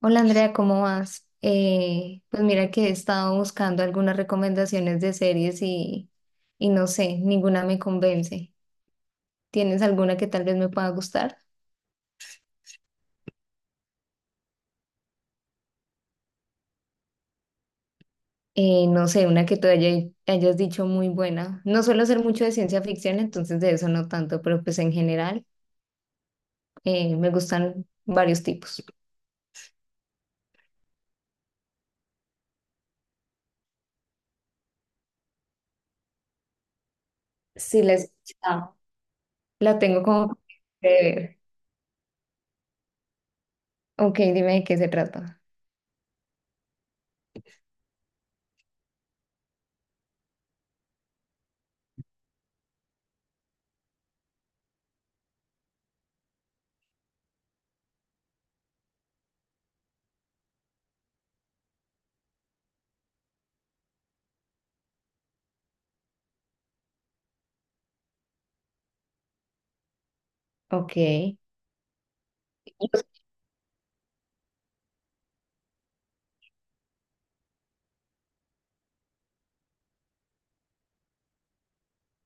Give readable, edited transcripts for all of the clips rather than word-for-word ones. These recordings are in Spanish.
Hola Andrea, ¿cómo vas? Pues mira que he estado buscando algunas recomendaciones de series y no sé, ninguna me convence. ¿Tienes alguna que tal vez me pueda gustar? No sé, una que hayas dicho muy buena. No suelo hacer mucho de ciencia ficción, entonces de eso no tanto, pero pues en general me gustan varios tipos. Sí, la he escuchado. La tengo como de ver. Ok, dime de qué se trata. Ok.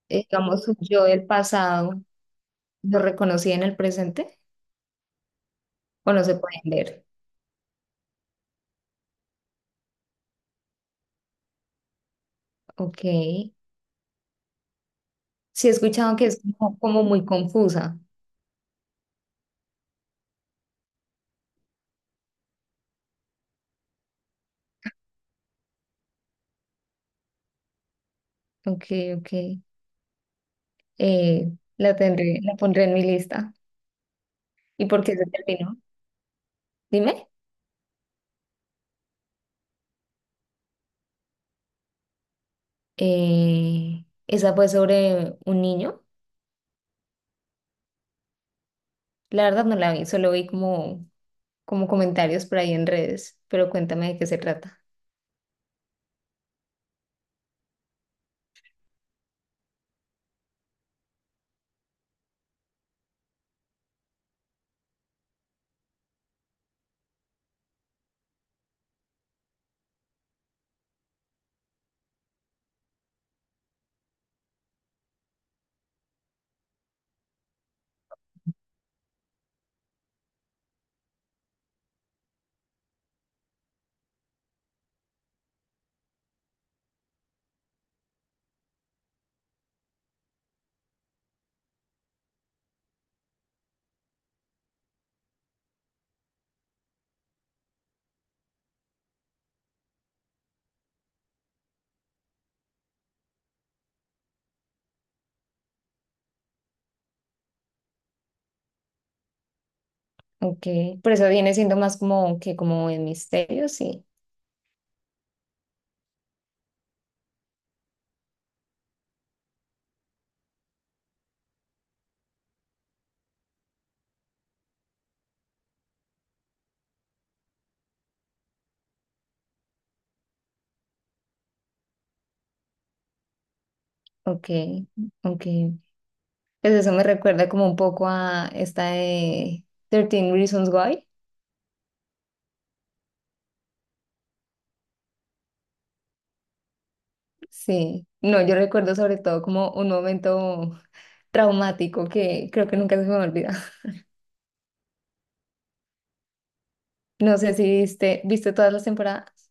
Digamos, yo del pasado. ¿Lo reconocí en el presente o no se pueden ver? Ok. Sí, he escuchado que es como muy confusa. Ok, ok. Eh, la tendré, la pondré en mi lista. ¿Y por qué se terminó? Dime. Esa fue sobre un niño. La verdad no la vi, solo vi como comentarios por ahí en redes, pero cuéntame de qué se trata. Ok. Por eso viene siendo más como que como en misterio, sí. Ok, ok. Pues eso me recuerda como un poco a esta de 13 Reasons Why. Sí, no, yo recuerdo sobre todo como un momento traumático que creo que nunca se me olvida. No sé si viste todas las temporadas.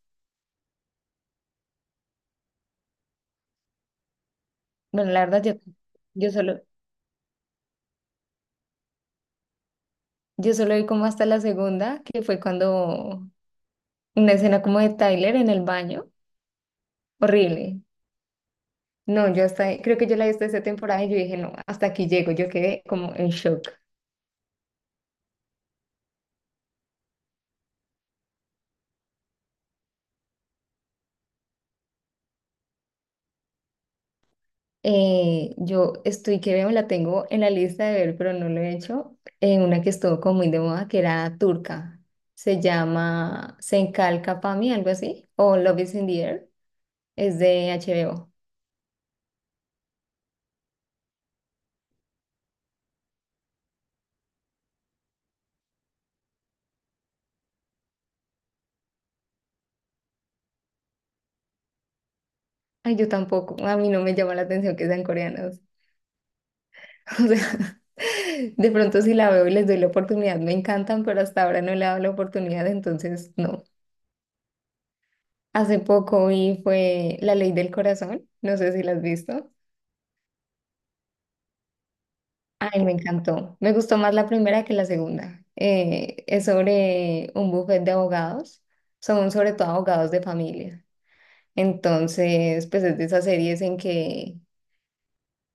Bueno, la verdad, yo solo, yo solo vi como hasta la segunda, que fue cuando una escena como de Tyler en el baño. Horrible. No, yo hasta, creo que yo la vi hasta esa temporada y yo dije, no, hasta aquí llego. Yo quedé como en shock. Yo estoy que veo, la tengo en la lista de ver, pero no lo he hecho. En una que estuvo como muy de moda, que era turca. Se llama Senkal Kapami, algo así, o Love is in the Air. Es de HBO. Ay, yo tampoco. A mí no me llama la atención que sean coreanos. O sea, de pronto si la veo y les doy la oportunidad, me encantan, pero hasta ahora no le he dado la oportunidad, entonces no. Hace poco vi fue La Ley del Corazón. No sé si la has visto. Ay, me encantó. Me gustó más la primera que la segunda. Es sobre un bufete de abogados. Son sobre todo abogados de familia. Entonces, pues es de esas series en que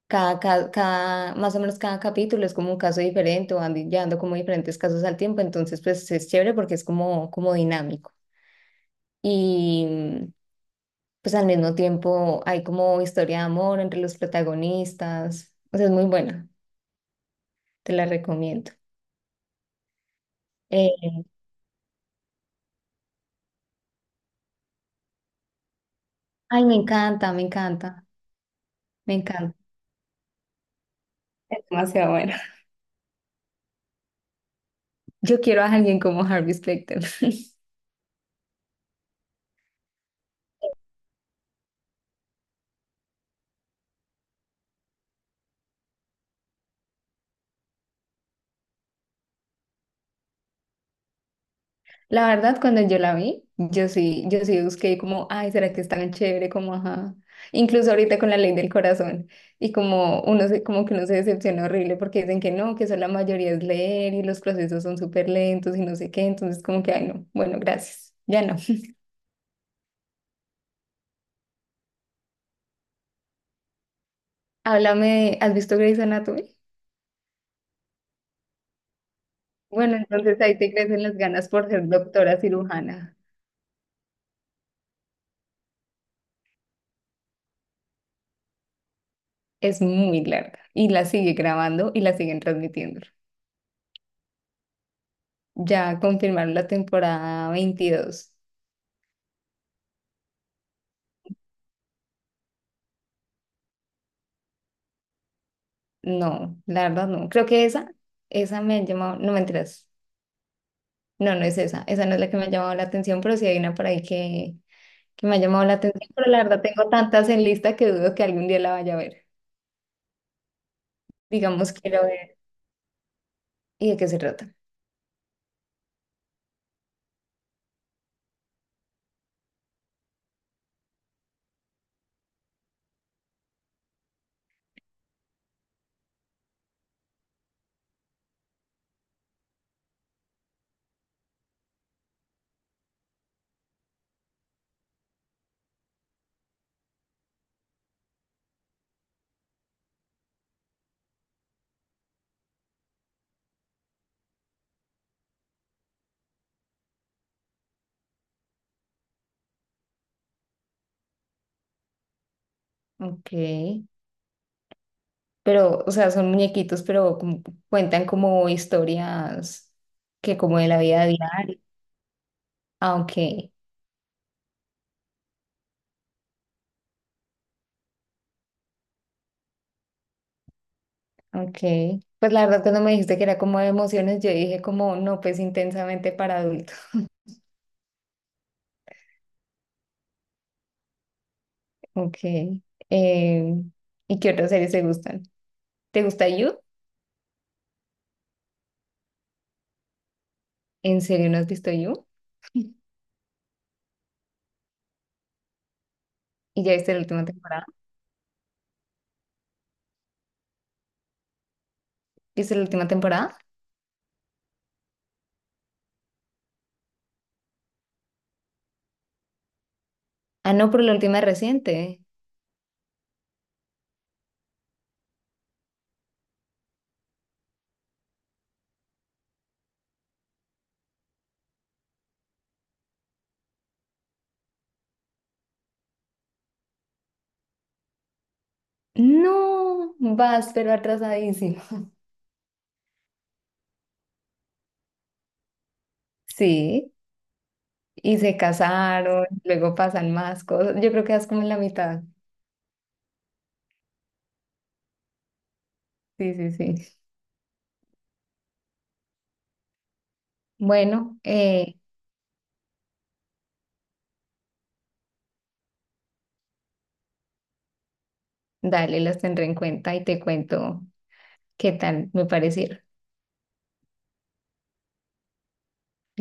más o menos cada capítulo es como un caso diferente o van llevando como diferentes casos al tiempo. Entonces, pues es chévere porque es como dinámico. Y pues al mismo tiempo hay como historia de amor entre los protagonistas. O sea, es muy buena. Te la recomiendo. Eh, Ay, me encanta. Es demasiado bueno. Yo quiero a alguien como Harvey Specter. La verdad, cuando yo la vi, yo sí busqué como, ay, ¿será que es tan chévere? Como, ajá. Incluso ahorita con la ley del corazón. Y como como que uno se decepciona horrible porque dicen que no, que eso la mayoría es leer y los procesos son súper lentos y no sé qué. Entonces, como que, ay, no, bueno, gracias. Ya no. Háblame, ¿has visto Grey's Anatomy? Bueno, entonces ahí te crecen las ganas por ser doctora cirujana. Es muy larga y la sigue grabando y la siguen transmitiendo. Ya confirmaron la temporada 22. No, la verdad no. Creo que esa me ha llamado, no mentiras. No, no es esa. Esa no es la que me ha llamado la atención, pero sí hay una por ahí que me ha llamado la atención. Pero la verdad tengo tantas en lista que dudo que algún día la vaya a ver. Digamos, quiero ver. ¿Y de qué se trata? Ok. Pero, o sea, son muñequitos, pero como cuentan como historias que como de la vida diaria. Ah, ok. Ok, pues la verdad cuando me dijiste que era como de emociones, yo dije como no, pues intensamente para adultos. Ok, eh, ¿y qué otras series te gustan? ¿Te gusta You? ¿En serio no has visto You? ¿Y ya viste la última temporada? ¿Viste la última temporada? Ah, no, pero la última es reciente. No, vas, pero atrasadísimo. Sí, y se casaron, luego pasan más cosas. Yo creo que vas como en la mitad. Sí, sí, sí. Bueno, dale, las tendré en cuenta y te cuento. ¿Qué tal? Me pareció.